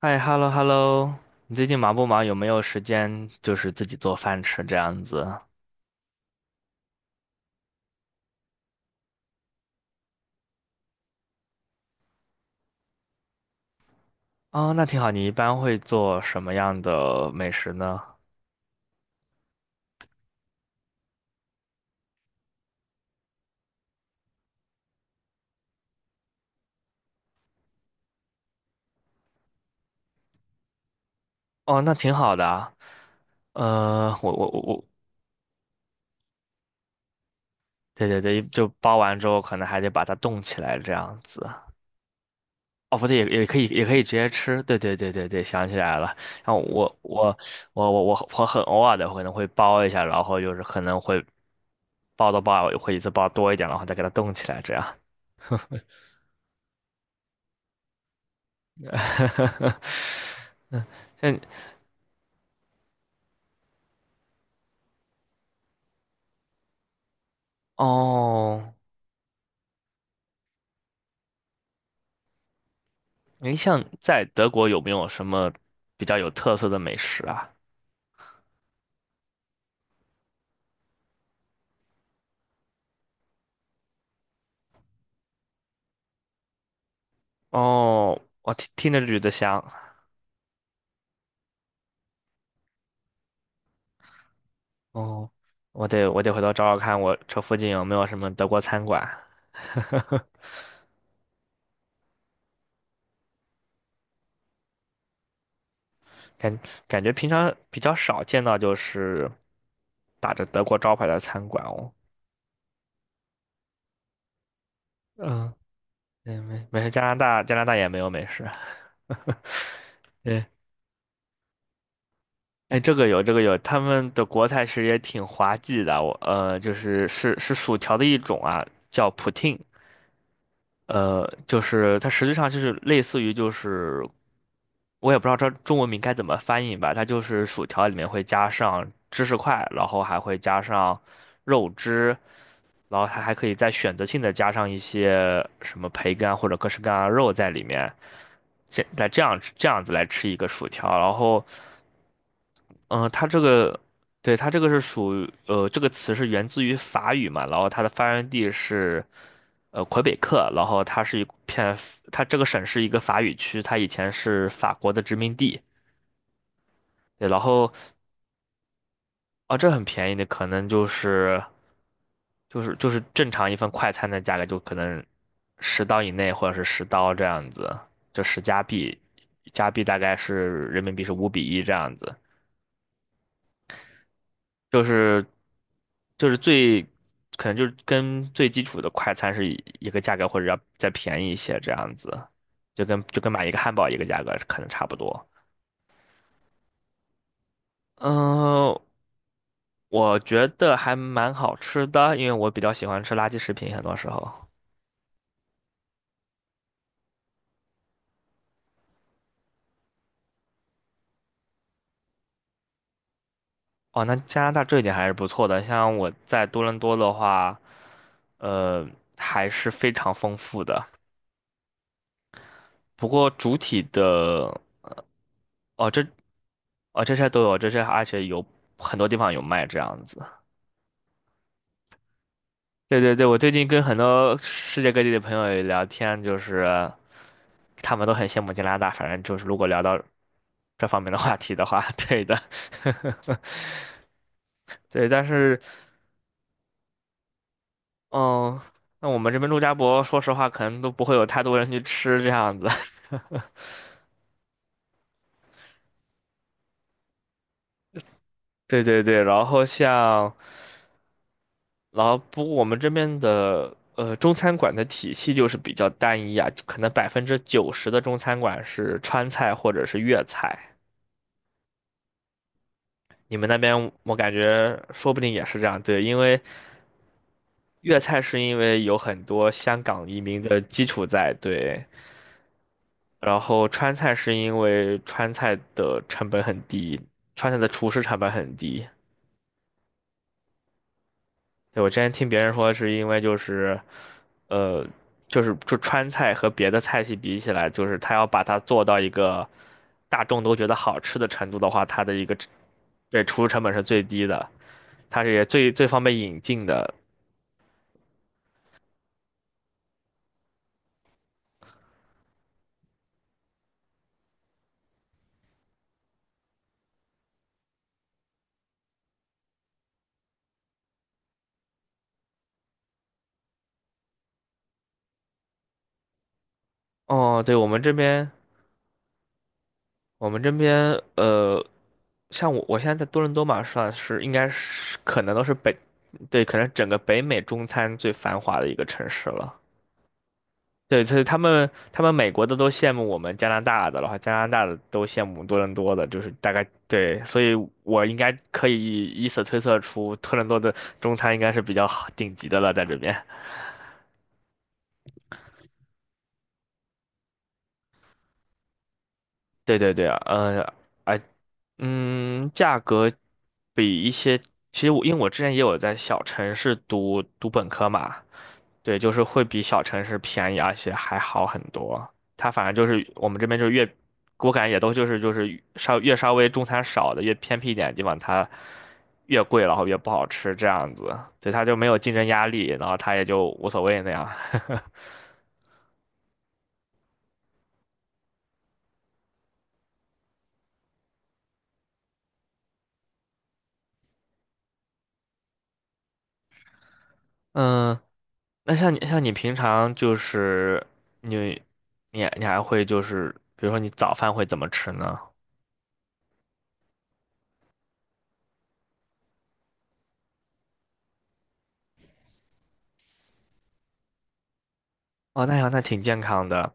嗨，hello hello，你最近忙不忙？有没有时间就是自己做饭吃这样子？哦，那挺好。你一般会做什么样的美食呢？哦，那挺好的啊。呃，我我我我，对对对，就包完之后可能还得把它冻起来这样子。哦，不对，也可以直接吃。对对对对对，想起来了。然后我很偶尔的可能会包一下，然后就是可能会包的包，会一次包多一点，然后再给它冻起来这样。嗯，像哦，你像在德国有没有什么比较有特色的美食啊？哦，我听着就觉得香。哦，我得回头找找看，我这附近有没有什么德国餐馆。感感觉平常比较少见到，就是打着德国招牌的餐馆哦。嗯，对，没事，加拿大也没有美食。对哎，这个有，他们的国菜其实也挺滑稽的。我就是是薯条的一种啊，叫 poutine。就是它实际上就是类似于，我也不知道这中文名该怎么翻译吧。它就是薯条里面会加上芝士块，然后还会加上肉汁，然后它还可以再选择性的加上一些什么培根啊或者各式各样的肉在里面。这样子来吃一个薯条，然后。嗯，它这个，对，它这个是属于，这个词是源自于法语嘛，然后它的发源地是，魁北克，然后它是一片，它这个省是一个法语区，它以前是法国的殖民地，对，然后，啊，这很便宜的，可能就是，就是正常一份快餐的价格，就可能十刀以内或者是十刀这样子，就十加币，加币大概是人民币是五比一这样子。就是就是最可能就是跟最基础的快餐是一个价格，或者要再便宜一些这样子，就跟买一个汉堡一个价格可能差不多。嗯、我觉得还蛮好吃的，因为我比较喜欢吃垃圾食品，很多时候。哦，那加拿大这一点还是不错的，像我在多伦多的话，呃，还是非常丰富的。不过主体的。哦，这哦这些都有，这些而且有很多地方有卖这样子。对对对，我最近跟很多世界各地的朋友也聊天，就是他们都很羡慕加拿大，反正就是如果聊到这方面的话题的话，对的，对，但是嗯，那我们这边陆家馍，说实话可能都不会有太多人去吃这样子。对对对，然后像。然后不过我们这边的中餐馆的体系就是比较单一啊，就可能百分之九十的中餐馆是川菜或者是粤菜。你们那边我感觉说不定也是这样，对，因为粤菜是因为有很多香港移民的基础在，对，然后川菜是因为川菜的成本很低，川菜的厨师成本很低。对，我之前听别人说是因为呃，就是川菜和别的菜系比起来，就是它要把它做到一个大众都觉得好吃的程度的话，它的一个对厨入成本是最低的，它是也最方便引进的。哦，对，我们这边，像我现在在多伦多嘛，算是应该是可能都是北，对，可能整个北美中餐最繁华的一个城市了。对，所以他们美国的都羡慕我们加拿大的，然后加拿大的都羡慕多伦多的，就是大概对，所以我应该可以以此推测出多伦多的中餐应该是比较好顶级的了，在这边。对对对，呃，价格比一些，其实因为我之前也有在小城市读本科嘛，对，就是会比小城市便宜，而且还好很多。它反正就是我们这边就是越，我感觉也都就是越稍微中餐少的越偏僻一点的地方，它越贵，然后越不好吃这样子，所以它就没有竞争压力，然后它也就无所谓那样。嗯，那像你平常就是你你还会就是，比如说你早饭会怎么吃呢？哦，那样那挺健康的，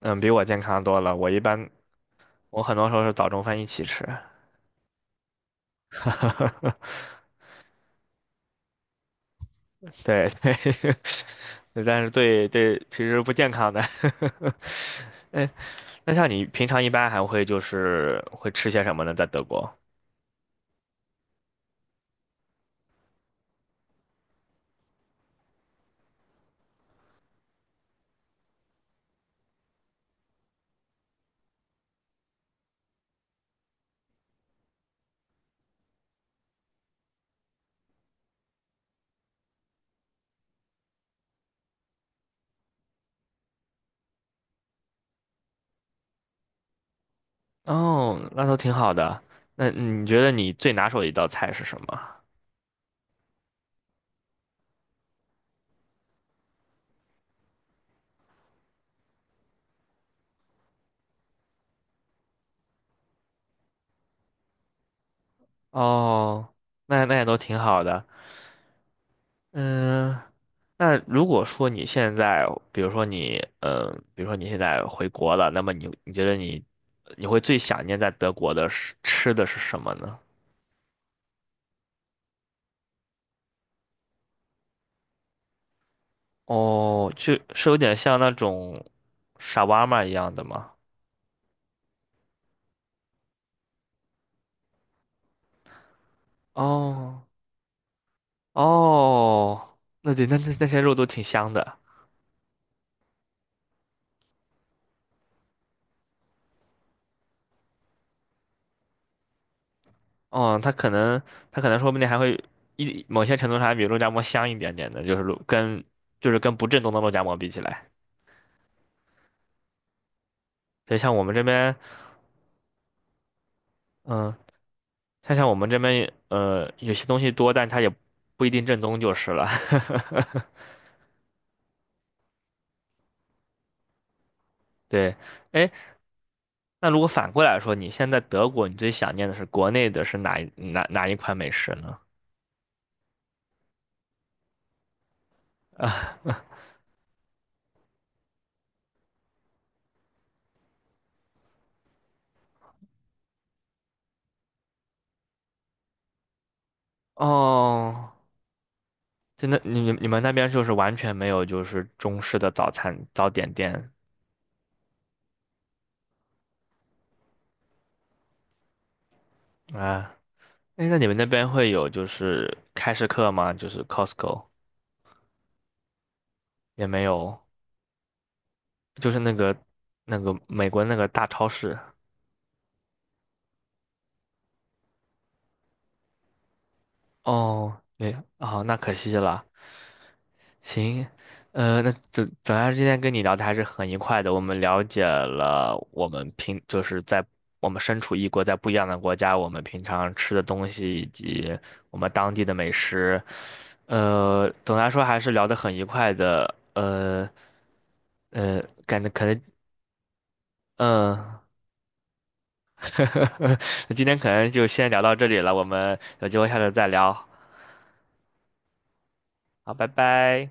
嗯，比我健康多了。我一般我很多时候是早中饭一起吃，对对，但是对对，其实不健康的。哎，那像你平常一般还会就是会吃些什么呢？在德国？哦，那都挺好的。那你觉得你最拿手的一道菜是什么？哦，那那也都挺好的。嗯，那如果说你现在，比如说你，比如说你现在回国了，那么你觉得你你会最想念在德国的是吃的是什么呢？哦，就是有点像那种沙瓦玛一样的吗？哦哦，那对，那些肉都挺香的。哦，它可能说不定还会某些程度上还比肉夹馍香一点点的，就是肉跟就是跟不正宗的肉夹馍比起来。所以像我们这边。嗯，它像我们这边有些东西多，但它也不一定正宗就是了。对，哎，那如果反过来说，你现在德国，你最想念的是国内的是哪一款美食呢？啊，哦，真的，你你们那边就是完全没有就是中式的早餐早点店啊？哎，那你们那边会有就是开市客吗？就是 Costco 也没有，就是那个那个美国那个大超市。哦，对，哦，那可惜了。行，那总而言之，今天跟你聊的还是很愉快的。我们了解了我们平就是在我们身处异国，在不一样的国家，我们平常吃的东西以及我们当地的美食。总的来说还是聊得很愉快的。感觉可能嗯，今天可能就先聊到这里了。我们有机会下次再聊。好，拜拜。